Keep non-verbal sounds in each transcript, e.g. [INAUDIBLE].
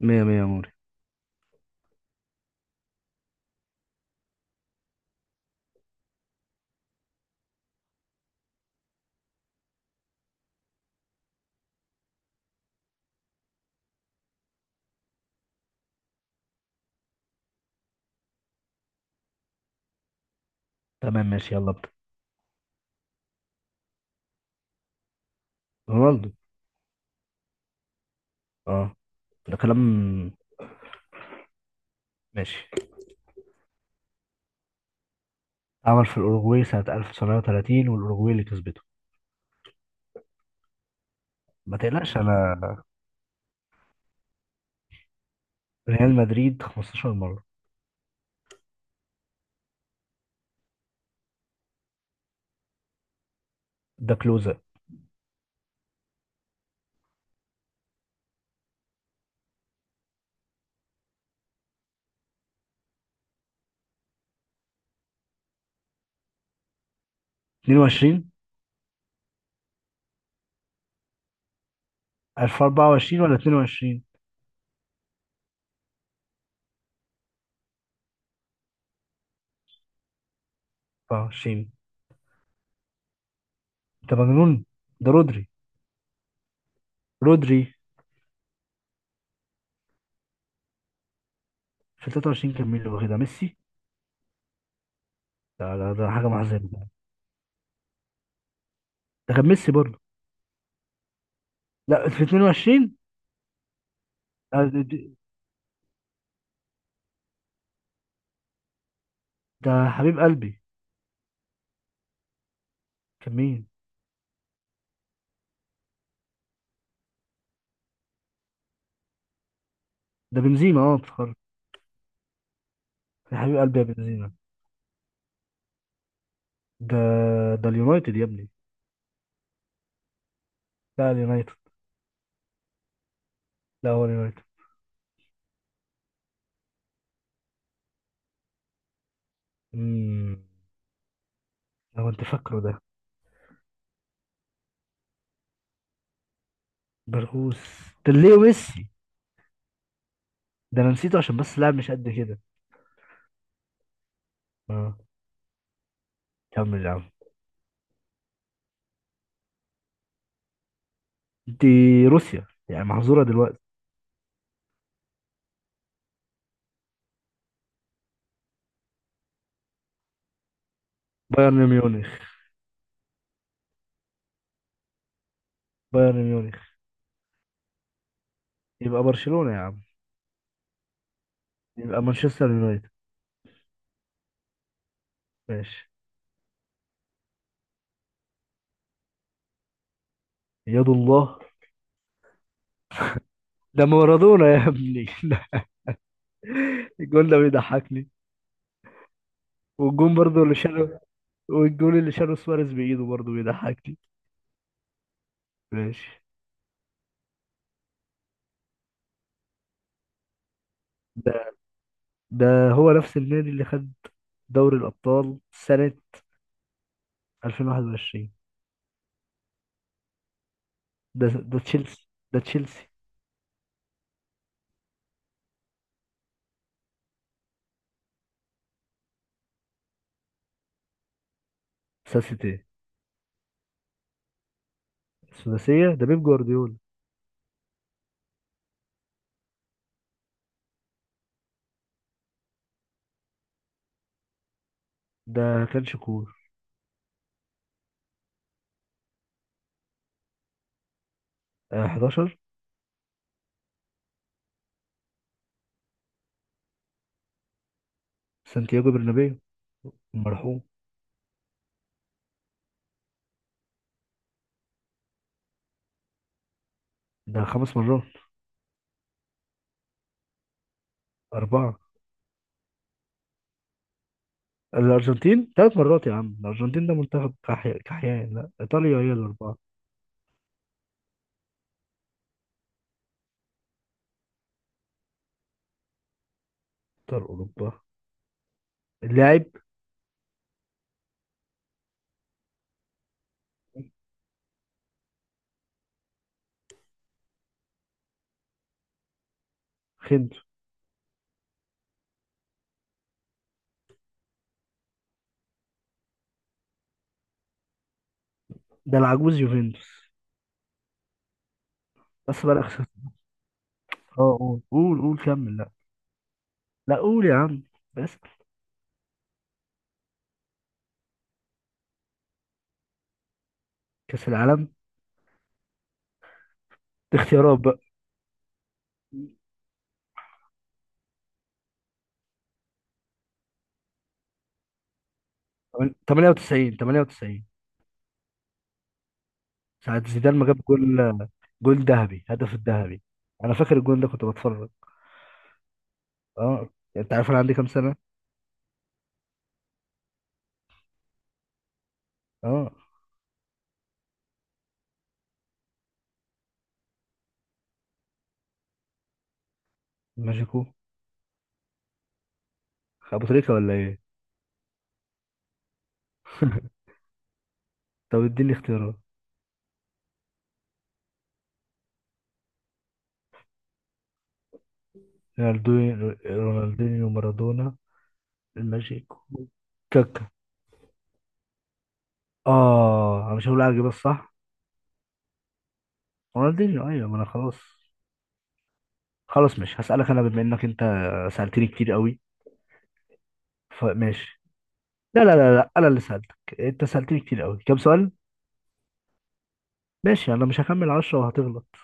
مية مية يا موري. تمام، ماشي، يلا ابدأ. رونالدو. اه، ده كلام. ماشي. عمل في الأوروغواي سنة 1930 والأوروغواي اللي كسبته. ما تقلقش أنا. ريال مدريد 15 مرة. ده كلوزة. 22. 1024 ولا 22؟ 24. أنت مجنون، ده رودري. رودري. في 23 كان مين اللي واخدها؟ ميسي. ده حاجة محزنة. ده كان ميسي برضه. لا، في 22. ده, ده, ده حبيب قلبي. كان مين؟ ده بنزيما، اه افتكرت. يا حبيب قلبي يا بنزيما. ده ده اليونايتد يا ابني. لا، اليونايتد. لا، هو اليونايتد. امم لو انت فاكره ده. برغوث. ده ليه ميسي. ده انا نسيته عشان بس لاعب مش قد كده. اه. كمل يا عم. دي روسيا، يعني محظوره دلوقتي. بايرن ميونخ. بايرن ميونخ. يبقى برشلونه يا عم. يبقى مانشستر يونايتد. ماشي. يد الله. ده مارادونا يا ابني [LAUGHS] ده. الجول ده بيضحكني. والجون برضو اللي شاله. والجون اللي شاله سواريز بايده برضو بيضحكني. ماشي. ده هو نفس النادي اللي خد دوري الأبطال سنة 2021. ده تشيلسي. ده تشيلسي. ساسيتي. السداسية ده بيب جوارديولا. ده كان شكور. 11. سانتياغو برنابيو. المرحوم. ده خمس مرات. أربعة. الأرجنتين ثلاث مرات يا عم. الأرجنتين ده منتخب كحيان. لا، إيطاليا هي الأربعة. أبطال أوروبا. اللاعب. خنتو. ده العجوز يوفنتوس. بس بقى أخسر. اه، قول قول قول، كمل. لا. لا قول يا عم. بس. كأس العالم. اختيارات. 98 98. ساعة زيدان ما جاب جول. جول ذهبي، هدف الذهبي. انا فاكر الجول ده كنت بتفرج. اه. انت عارف انا عندي كام سنة؟ اه. ماجيكو. ابو تريكة ولا ايه؟ طب اديني اختيارات. رونالدو. رونالدينيو، مارادونا. الماجيكو. كاكا. اه، انا مش هقول اجيب الصح. رونالدينيو، ايوه، ما انا خلاص. خلاص، مش هسألك انا بما انك انت سألتني كتير قوي. فماشي. لا لا لا لا، انا اللي سألتك، انت سألتني كتير قوي. كام سؤال؟ ماشي، انا مش هكمل عشرة وهتغلط.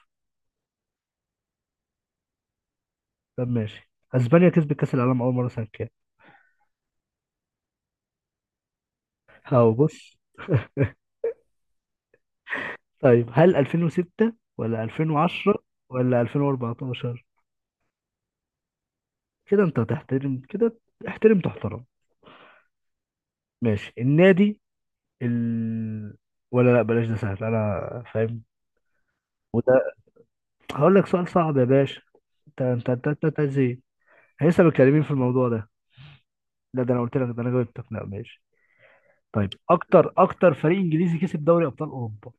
طب ماشي. اسبانيا كسبت كاس العالم اول مره سنه كام؟ هاو، بص. طيب هل 2006 ولا 2010 ولا 2014؟ كده انت هتحترم كده. احترم تحترم. ماشي النادي ال... ولا لا بلاش، ده سهل، انا فاهم. وده. هقول لك سؤال صعب يا باشا. انت انت انت انت أنت ازاي لسه متكلمين في الموضوع ده؟ لا، ده انا قلت لك، ده انا جاوبتك. لا ماشي. طيب، اكتر فريق انجليزي كسب دوري ابطال اوروبا.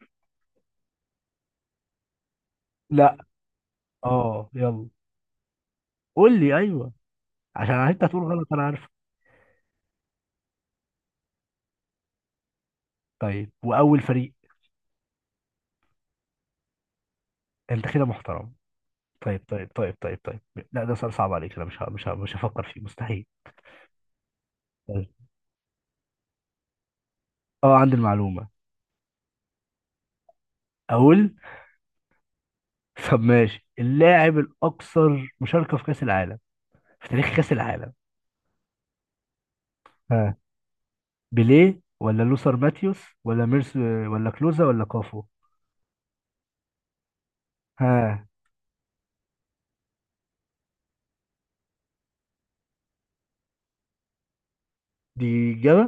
لا. اه يلا. قول لي ايوه عشان انت هتقول غلط انا عارف. طيب، واول فريق. انت كده محترم. طيب طيب طيب طيب طيب. لا، ده سؤال صعب عليك، انا مش هفكر فيه مستحيل. طيب. اه، عندي المعلومه. اقول. طب ماشي، اللاعب الاكثر مشاركه في كاس العالم، في تاريخ كاس العالم. ها. بيليه ولا لوثر ماتيوس ولا ميرس ولا كلوزا ولا كافو؟ ها. دي اجابه.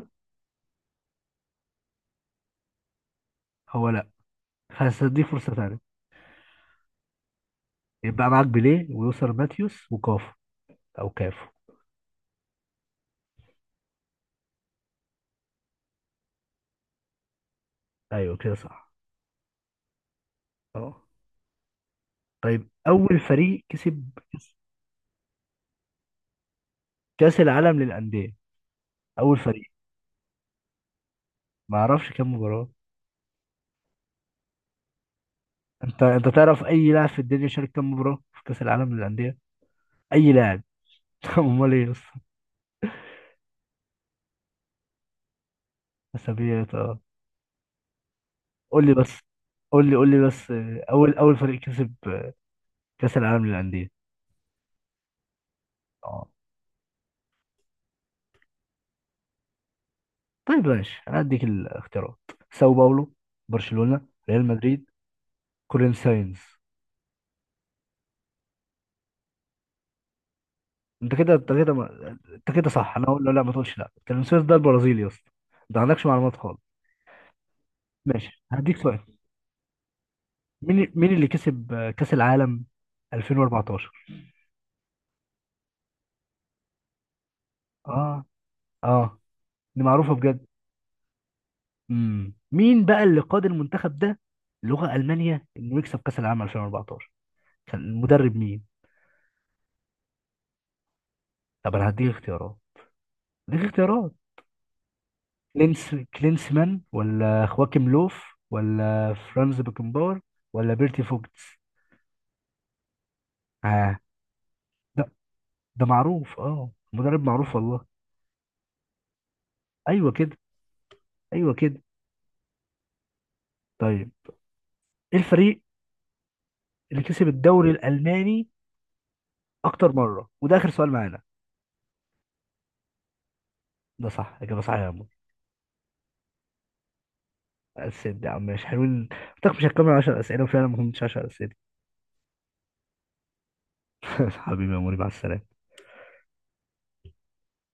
هو لا. هديك فرصه ثانيه. يبقى معاك بيليه ولوثر ماتيوس وكافو. او كافو. ايوه كده، صح. اه. طيب، اول فريق كسب كاس العالم للانديه. اول فريق. ما اعرفش كام مباراه. انت تعرف اي لاعب في الدنيا شارك كام مباراه في كاس العالم للانديه؟ اي لاعب. [LAUGHS] امال ايه يا اسطى؟ حسابيات، اه. قول لي بس. قول لي قول لي بس، اول فريق كسب، كاس العالم للانديه. اه. طيب ماشي، انا هديك الاختيارات. ساو باولو. برشلونه. ريال مدريد. كورين ساينز. انت كده، انت كده ما... انت كده صح. انا اقول له لا، ما تقولش لا، كورين ساينز ده البرازيلي يا اسطى. انت ما عندكش معلومات خالص. ماشي، هديك سؤال. مين اللي كسب، كأس العالم 2014. اه. اه. دي معروفة بجد. مين بقى اللي قاد المنتخب ده لغة ألمانيا انه يكسب كأس العالم 2014؟ كان المدرب مين؟ طب انا هديك اختيارات. هديك اختيارات. كلينسمان ولا خواكيم لوف ولا فرانز بيكنباور ولا بيرتي فوكتس؟ اه. ده ده معروف، اه مدرب معروف والله. ايوه كده. ايوه كده. طيب، ايه الفريق اللي كسب الدوري الألماني اكتر مره؟ وده اخر سؤال معانا. ده صح، اجابه صحيحه يا عمور. السيد يا عم مش حلوين. قلت لك مش هتكمل 10 اسئله وفعلا ما كملتش 10 اسئله. [LAUGHS] حبيبي يا موري، مع السلامه.